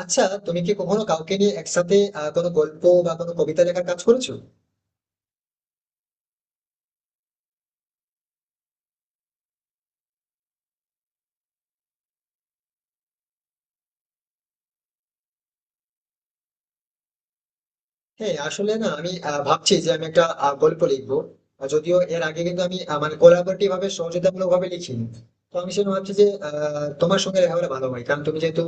আচ্ছা, তুমি কি কখনো কাউকে নিয়ে একসাথে কোনো গল্প বা কোনো কবিতা লেখার কাজ করেছো? হ্যাঁ, আসলে না, আমি ভাবছি যে আমি একটা গল্প লিখবো। আর যদিও এর আগে কিন্তু আমি মানে কোলাবোরেটিভ ভাবে সহযোগিতামূলক ভাবে লিখিনি। তো আমি সেটা ভাবছি যে তোমার সঙ্গে লেখা হলে ভালো হয়, কারণ তুমি যেহেতু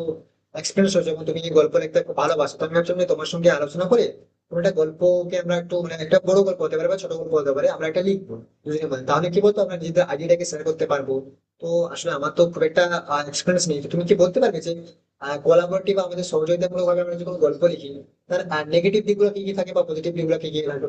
এক্সপিরিয়েন্স হয়েছে এবং তুমি গল্প লিখতে খুব ভালোবাসো। তো আমি ভাবছিলাম যে তোমার সঙ্গে আলোচনা করে কোনো একটা গল্পকে আমরা একটু মানে একটা বড় গল্প হতে পারে বা ছোট গল্প হতে পারে আমরা একটা লিখবো দুজনে মিলে। তাহলে কি বলতো, আমরা নিজেদের আইডিয়াটাকে শেয়ার করতে পারবো? তো আসলে আমার তো খুব একটা এক্সপিরিয়েন্স নেই, তো তুমি কি বলতে পারবে যে কোলাবোরেটিভ বা আমাদের সহযোগিতামূলক ভাবে আমরা যদি কোনো গল্প লিখি, তার নেগেটিভ দিকগুলো কি কি থাকে বা পজিটিভ দিকগুলো কি কি থাকে?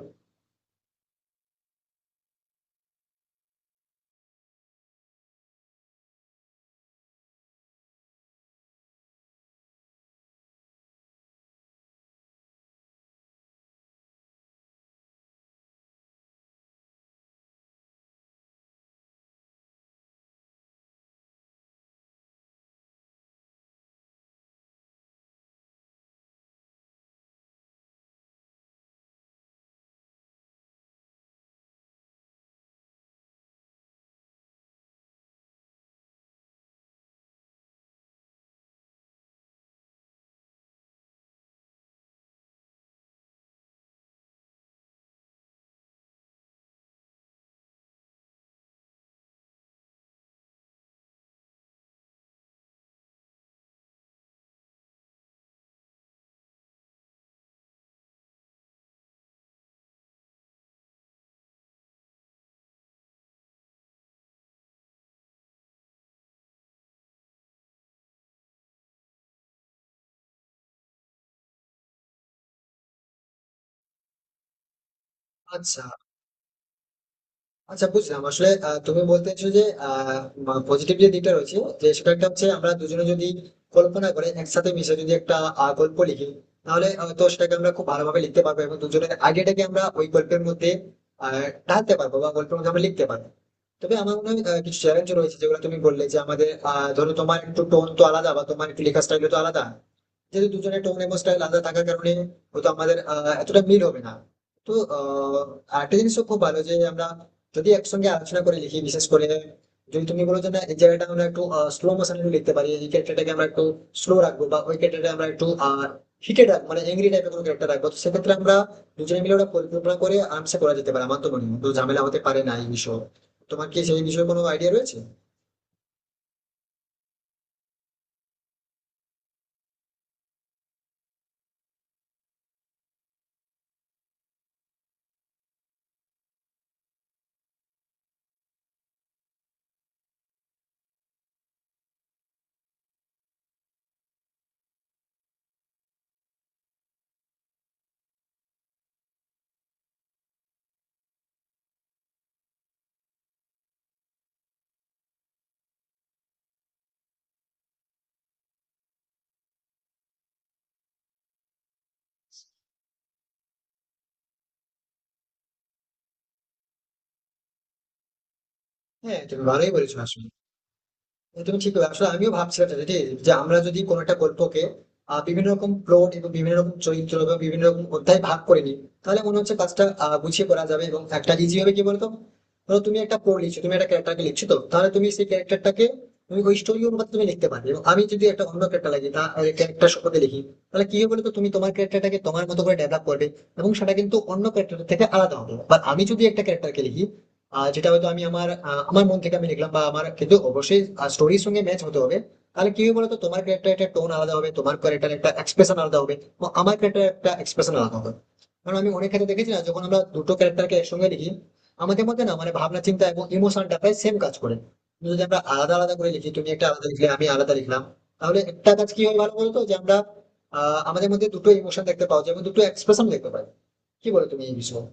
আচ্ছা, আচ্ছা, বুঝলাম। আসলে তুমি বলতেছো যে পজিটিভ যে দিকটা রয়েছে, যে সেটা একটা হচ্ছে আমরা দুজনে যদি কল্পনা করে একসাথে মিশে যদি একটা গল্প লিখি, তাহলে হয়তো সেটাকে আমরা খুব ভালোভাবে লিখতে পারবো এবং দুজনের আইডিয়াটাকে আমরা ওই গল্পের মধ্যে আহ ঢালতে পারবো বা গল্পের মধ্যে আমরা লিখতে পারবো। তবে আমার মনে হয় কিছু চ্যালেঞ্জ রয়েছে যেগুলো তুমি বললে যে আমাদের ধরো তোমার একটু টোন তো আলাদা বা তোমার একটু লেখার স্টাইল তো আলাদা। যেহেতু দুজনের টোন এবং স্টাইল আলাদা থাকার কারণে হয়তো আমাদের এতটা মিল হবে না। তো আরেকটা জিনিসও খুব ভালো যে আমরা যদি একসঙ্গে আলোচনা করে লিখি, বিশেষ করে যদি তুমি বলো যে না, এই জায়গাটা আমরা একটু স্লো মোশনে লিখতে পারি, এই ক্যারেক্টারটাকে আমরা একটু স্লো রাখবো বা ওই ক্যারেক্টারটা আমরা একটু হিটেড রাখবো, মানে এংরি টাইপের কোনো ক্যারেক্টার রাখবো। তো সেক্ষেত্রে আমরা দুজনে মিলে ওটা পরিকল্পনা করে আরামসে করা যেতে পারে। আমার তো মনে হয় তো ঝামেলা হতে পারে না এই বিষয়ে। তোমার কি সেই বিষয়ে কোনো আইডিয়া রয়েছে? হ্যাঁ, তুমি ভালোই বলেছো। আসলে না, তুমি ঠিক বলে আসলে আমিও ভাবছিলাম, এটা ঠিক, যে আমরা যদি কোনো একটা গল্পকে বিভিন্ন রকম প্লট এবং বিভিন্ন রকম চরিত্র এবং বিভিন্ন রকম অধ্যায় ভাগ করে নিই, তাহলে মনে হচ্ছে কাজটা গুছিয়ে করা যাবে এবং একটা ইজি হবে। কি বলতো, ধরো তুমি একটা প্লট লিখছো, তুমি একটা ক্যারেক্টারকে লিখছো, তো তাহলে তুমি সেই ক্যারেক্টারটাকে তুমি ওই স্টোরি অনুপাতে তুমি লিখতে পারবে, এবং আমি যদি একটা অন্য ক্যারেক্টার লাগি তা ক্যারেক্টার সম্পর্কে লিখি, তাহলে কি হবে বলতো? তুমি তোমার ক্যারেক্টারটাকে তোমার মতো করে ডেভেলপ করবে এবং সেটা কিন্তু অন্য ক্যারেক্টার থেকে আলাদা হবে। বা আমি যদি একটা ক্যারেক্টারকে লিখি যেটা হয়তো আমি আমার আমার মন থেকে আমি লিখলাম, বা আমার কিন্তু অবশ্যই স্টোরির সঙ্গে ম্যাচ হতে হবে। তাহলে কি হবে বলতো, তোমার ক্যারেক্টার একটা টোন আলাদা হবে, তোমার ক্যারেক্টার একটা এক্সপ্রেশন আলাদা হবে এবং আমার ক্যারেক্টার একটা এক্সপ্রেশন আলাদা হবে। কারণ আমি অনেক ক্ষেত্রে দেখেছি না, যখন আমরা দুটো ক্যারেক্টারকে একসঙ্গে লিখি, আমাদের মধ্যে না মানে ভাবনা চিন্তা এবং ইমোশনটা প্রায় সেম কাজ করে। কিন্তু যদি আমরা আলাদা আলাদা করে লিখি, তুমি একটা আলাদা লিখলে আমি আলাদা লিখলাম, তাহলে একটা কাজ কি হয় ভালো বলতো, যে আমরা আমাদের মধ্যে দুটো ইমোশন দেখতে পাওয়া যায় এবং দুটো এক্সপ্রেশন দেখতে পাই। কি বলো তুমি এই বিষয়ে?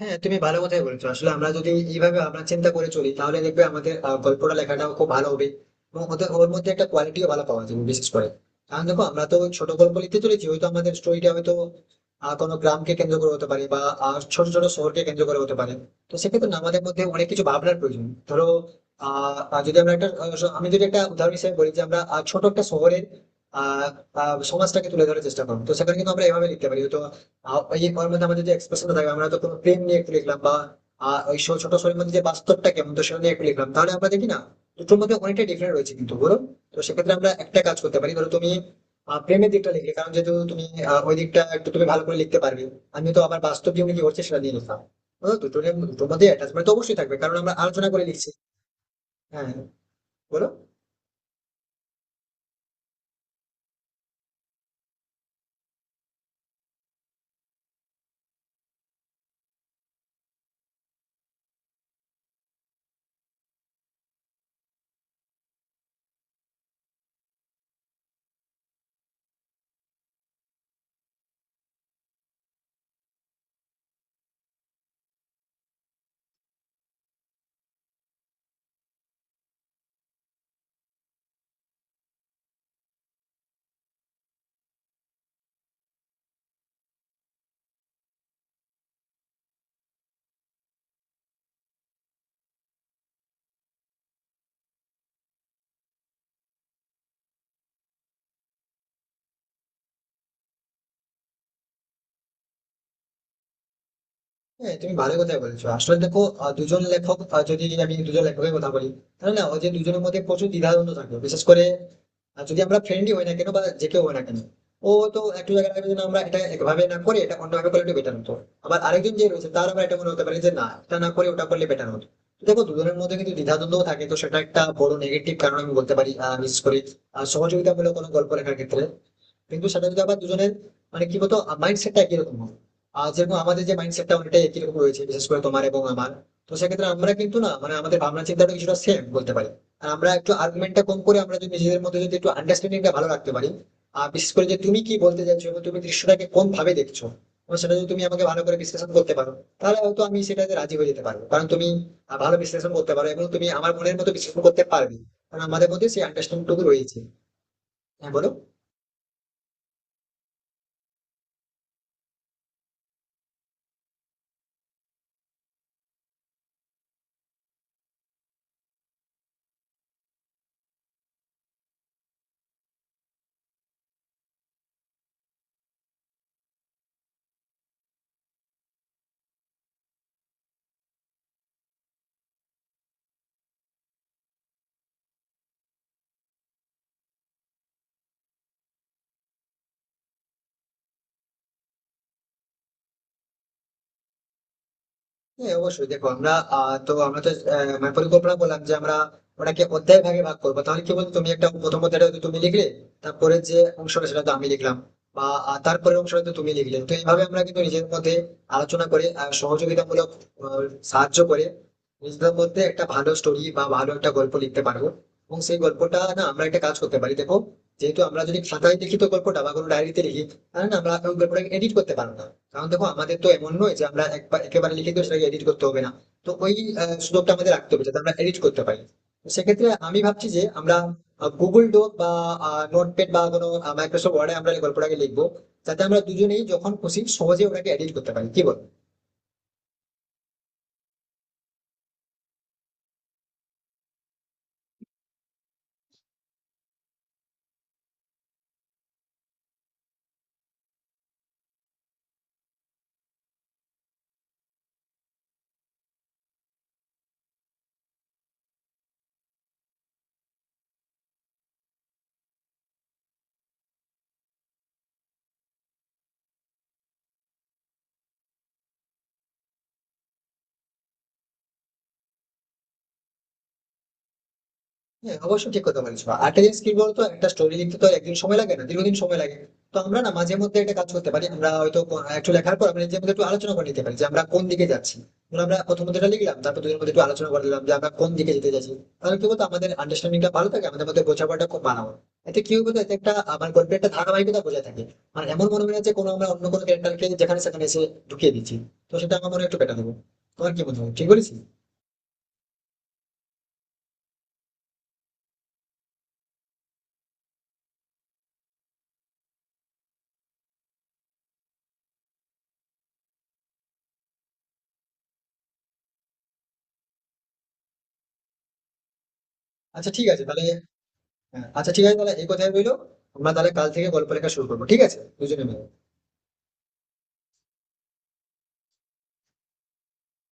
হ্যাঁ, তুমি ভালো কথাই বলেছো। আসলে আমরা যদি এইভাবে আমরা চিন্তা করে চলি, তাহলে দেখবে আমাদের গল্পটা লেখাটাও খুব ভালো হবে এবং ওর মধ্যে একটা কোয়ালিটিও ভালো পাওয়া যাবে। বিশেষ করে কারণ দেখো, আমরা তো ছোট গল্প লিখতে চলেছি, হয়তো আমাদের স্টোরিটা হয়তো কোনো গ্রামকে কেন্দ্র করে হতে পারে বা ছোট ছোট শহরকে কেন্দ্র করে হতে পারে। তো সেক্ষেত্রে না আমাদের মধ্যে অনেক কিছু ভাবনার প্রয়োজন। ধরো, আহ আহ, যদি আমরা একটা আমি যদি একটা উদাহরণ হিসেবে বলি যে আমরা ছোট একটা শহরের আহ আহ, সমাজটাকে তুলে ধরার চেষ্টা করবো, তো সেখানে কিন্তু আমরা এভাবে লিখতে পারি তো। ওই ওর মধ্যে আমাদের যে এক্সপ্রেশনটা থাকবে, আমরা তো কোনো প্রেম নিয়ে একটু লিখলাম বা ওই ছোট ছোট শরীর মধ্যে যে বাস্তবটা কেমন তো সেটা নিয়ে একটু লিখলাম, তাহলে আমরা দেখি না দুটোর মধ্যে অনেকটা ডিফারেন্ট রয়েছে কিন্তু, বলো? তো সেক্ষেত্রে আমরা একটা কাজ করতে পারি, ধরো তুমি প্রেমের দিকটা লিখলে, কারণ যেহেতু তুমি ওই দিকটা একটু তুমি ভালো করে লিখতে পারবে। আমি তো আবার বাস্তব জীবনে কি হচ্ছে সেটা নিয়ে লিখলাম। বুঝলো? দুটোর দুটোর মধ্যে অ্যাটাচমেন্ট তো অবশ্যই থাকবে, কারণ আমরা আলোচনা করে লিখছি। হ্যাঁ, বলো। হ্যাঁ, তুমি ভালো কথাই বলেছো। আসলে দেখো, দুজন লেখক যদি আমি দুজন লেখকের কথা বলি, তাহলে না ওই যে দুজনের মধ্যে প্রচুর দ্বিধাদ্বন্দ্ব থাকবে। বিশেষ করে যদি আমরা ফ্রেন্ডলি হই না কেন বা যে কেউ হই না কেন, ও তো একটু জায়গায় থাকবে যে না, আমরা এটা একভাবে না করে এটা অন্যভাবে করলে একটু বেটার হতো। আবার আরেকজন যে রয়েছে তার আবার এটা মনে হতে পারে যে না, এটা না করে ওটা করলে বেটার হতো। তো দেখো, দুজনের মধ্যে কিন্তু দ্বিধাদ্বন্দ্ব থাকে, তো সেটা একটা বড় নেগেটিভ কারণ আমি বলতে পারি বিশেষ করে সহযোগিতামূলক কোনো গল্প লেখার ক্ষেত্রে। কিন্তু সেটা যদি আবার দুজনের মানে কি বলতো মাইন্ডসেটটা একই রকম হয়, যেরকম আমাদের যে মাইন্ডসেটটা অনেকটাই একই রকম রয়েছে, বিশেষ করে তোমার এবং আমার, তো সেক্ষেত্রে আমরা কিন্তু না মানে আমাদের ভাবনা চিন্তাটা কিছুটা সেম বলতে পারি। আর আমরা একটু আর্গুমেন্টটা কম করে আমরা যদি নিজেদের মধ্যে যদি একটু আন্ডারস্ট্যান্ডিংটা ভালো রাখতে পারি, আর বিশেষ করে যে তুমি কি বলতে চাইছো এবং তুমি দৃশ্যটাকে কোন ভাবে দেখছো, এবং সেটা যদি তুমি আমাকে ভালো করে বিশ্লেষণ করতে পারো, তাহলে হয়তো আমি সেটাতে রাজি হয়ে যেতে পারবো, কারণ তুমি ভালো বিশ্লেষণ করতে পারো এবং তুমি আমার মনের মতো বিশ্লেষণ করতে পারবে, কারণ আমাদের মধ্যে সেই আন্ডারস্ট্যান্ডিংটুকু রয়েছে। হ্যাঁ, বলো। হ্যাঁ, অবশ্যই। দেখো আমরা আহ, তো আমরা তো আহ, মানে পরিকল্পনা করলাম যে আমরা ওটাকে অধ্যায় ভাগে ভাগ করবো। তাহলে কি বলতো, তুমি একটা প্রথম অধ্যায়টা হয়তো তুমি লিখলে, তারপরে যে অংশটা সেটা তো আমি লিখলাম, বা তারপরের অংশটা তো তুমি লিখলে। তো এইভাবে আমরা কিন্তু নিজের মধ্যে আলোচনা করে সহযোগিতামূলক আহ, সাহায্য করে নিজেদের মধ্যে একটা ভালো স্টোরি বা ভালো একটা গল্প লিখতে পারবো। এবং সেই গল্পটা না আমরা একটা কাজ করতে পারি, দেখো যেহেতু আমরা যদি খাতায় লিখিত গল্পটা বা কোনো ডায়েরিতে লিখি, তাহলে না আমরা ওই গল্পটাকে এডিট করতে পারবো না। কারণ দেখো, আমাদের তো এমন নয় যে আমরা একবার একেবারে লিখে তো সেটাকে এডিট করতে হবে না। তো ওই সুযোগটা আমাদের রাখতে হবে যাতে আমরা এডিট করতে পারি। তো সেক্ষেত্রে আমি ভাবছি যে আমরা গুগল ডক বা নোটপ্যাড বা কোনো মাইক্রোসফট ওয়ার্ডে আমরা এই গল্পটাকে লিখবো, যাতে আমরা দুজনেই যখন খুশি সহজে ওটাকে এডিট করতে পারি, কি বল? হ্যাঁ, অবশ্যই ঠিক কথা বলেছো। আরেকটা জিনিস কি বলতো, একটা স্টোরি লিখতে তো একদিন সময় লাগে না, দীর্ঘদিন সময় লাগে। তো আমরা না মাঝে মধ্যে একটা কাজ করতে পারি, আমরা হয়তো একটু লেখার পর আমরা নিজের মধ্যে একটু আলোচনা করে নিতে পারি যে আমরা কোন দিকে যাচ্ছি। ধরো আমরা প্রথমত এটা লিখলাম, তারপর দুজনের মধ্যে একটু আলোচনা করে নিলাম যে আমরা কোন দিকে যেতে যাচ্ছি। তাহলে কি বলতো, আমাদের আন্ডারস্ট্যান্ডিংটা ভালো থাকে, আমাদের মধ্যে বোঝাপড়াটা খুব ভালো হয়। এতে কি হবে তো, এতে একটা আমার গল্পে একটা ধারাবাহিকতা বজায় থাকে। মানে এমন মনে হয় না যে কোনো আমরা অন্য কোনো ক্যারেক্টারকে যেখানে সেখানে এসে ঢুকিয়ে দিচ্ছি। তো সেটা আমার মনে হয় একটু বেটার হবে। তোমার কি মনে হয়, ঠিক বলেছি? আচ্ছা, ঠিক আছে তাহলে। হ্যাঁ, আচ্ছা, ঠিক আছে তাহলে এই কথাই রইলো। আমরা তাহলে কাল থেকে গল্প লেখা শুরু করবো, ঠিক আছে, দুজনে মিলে।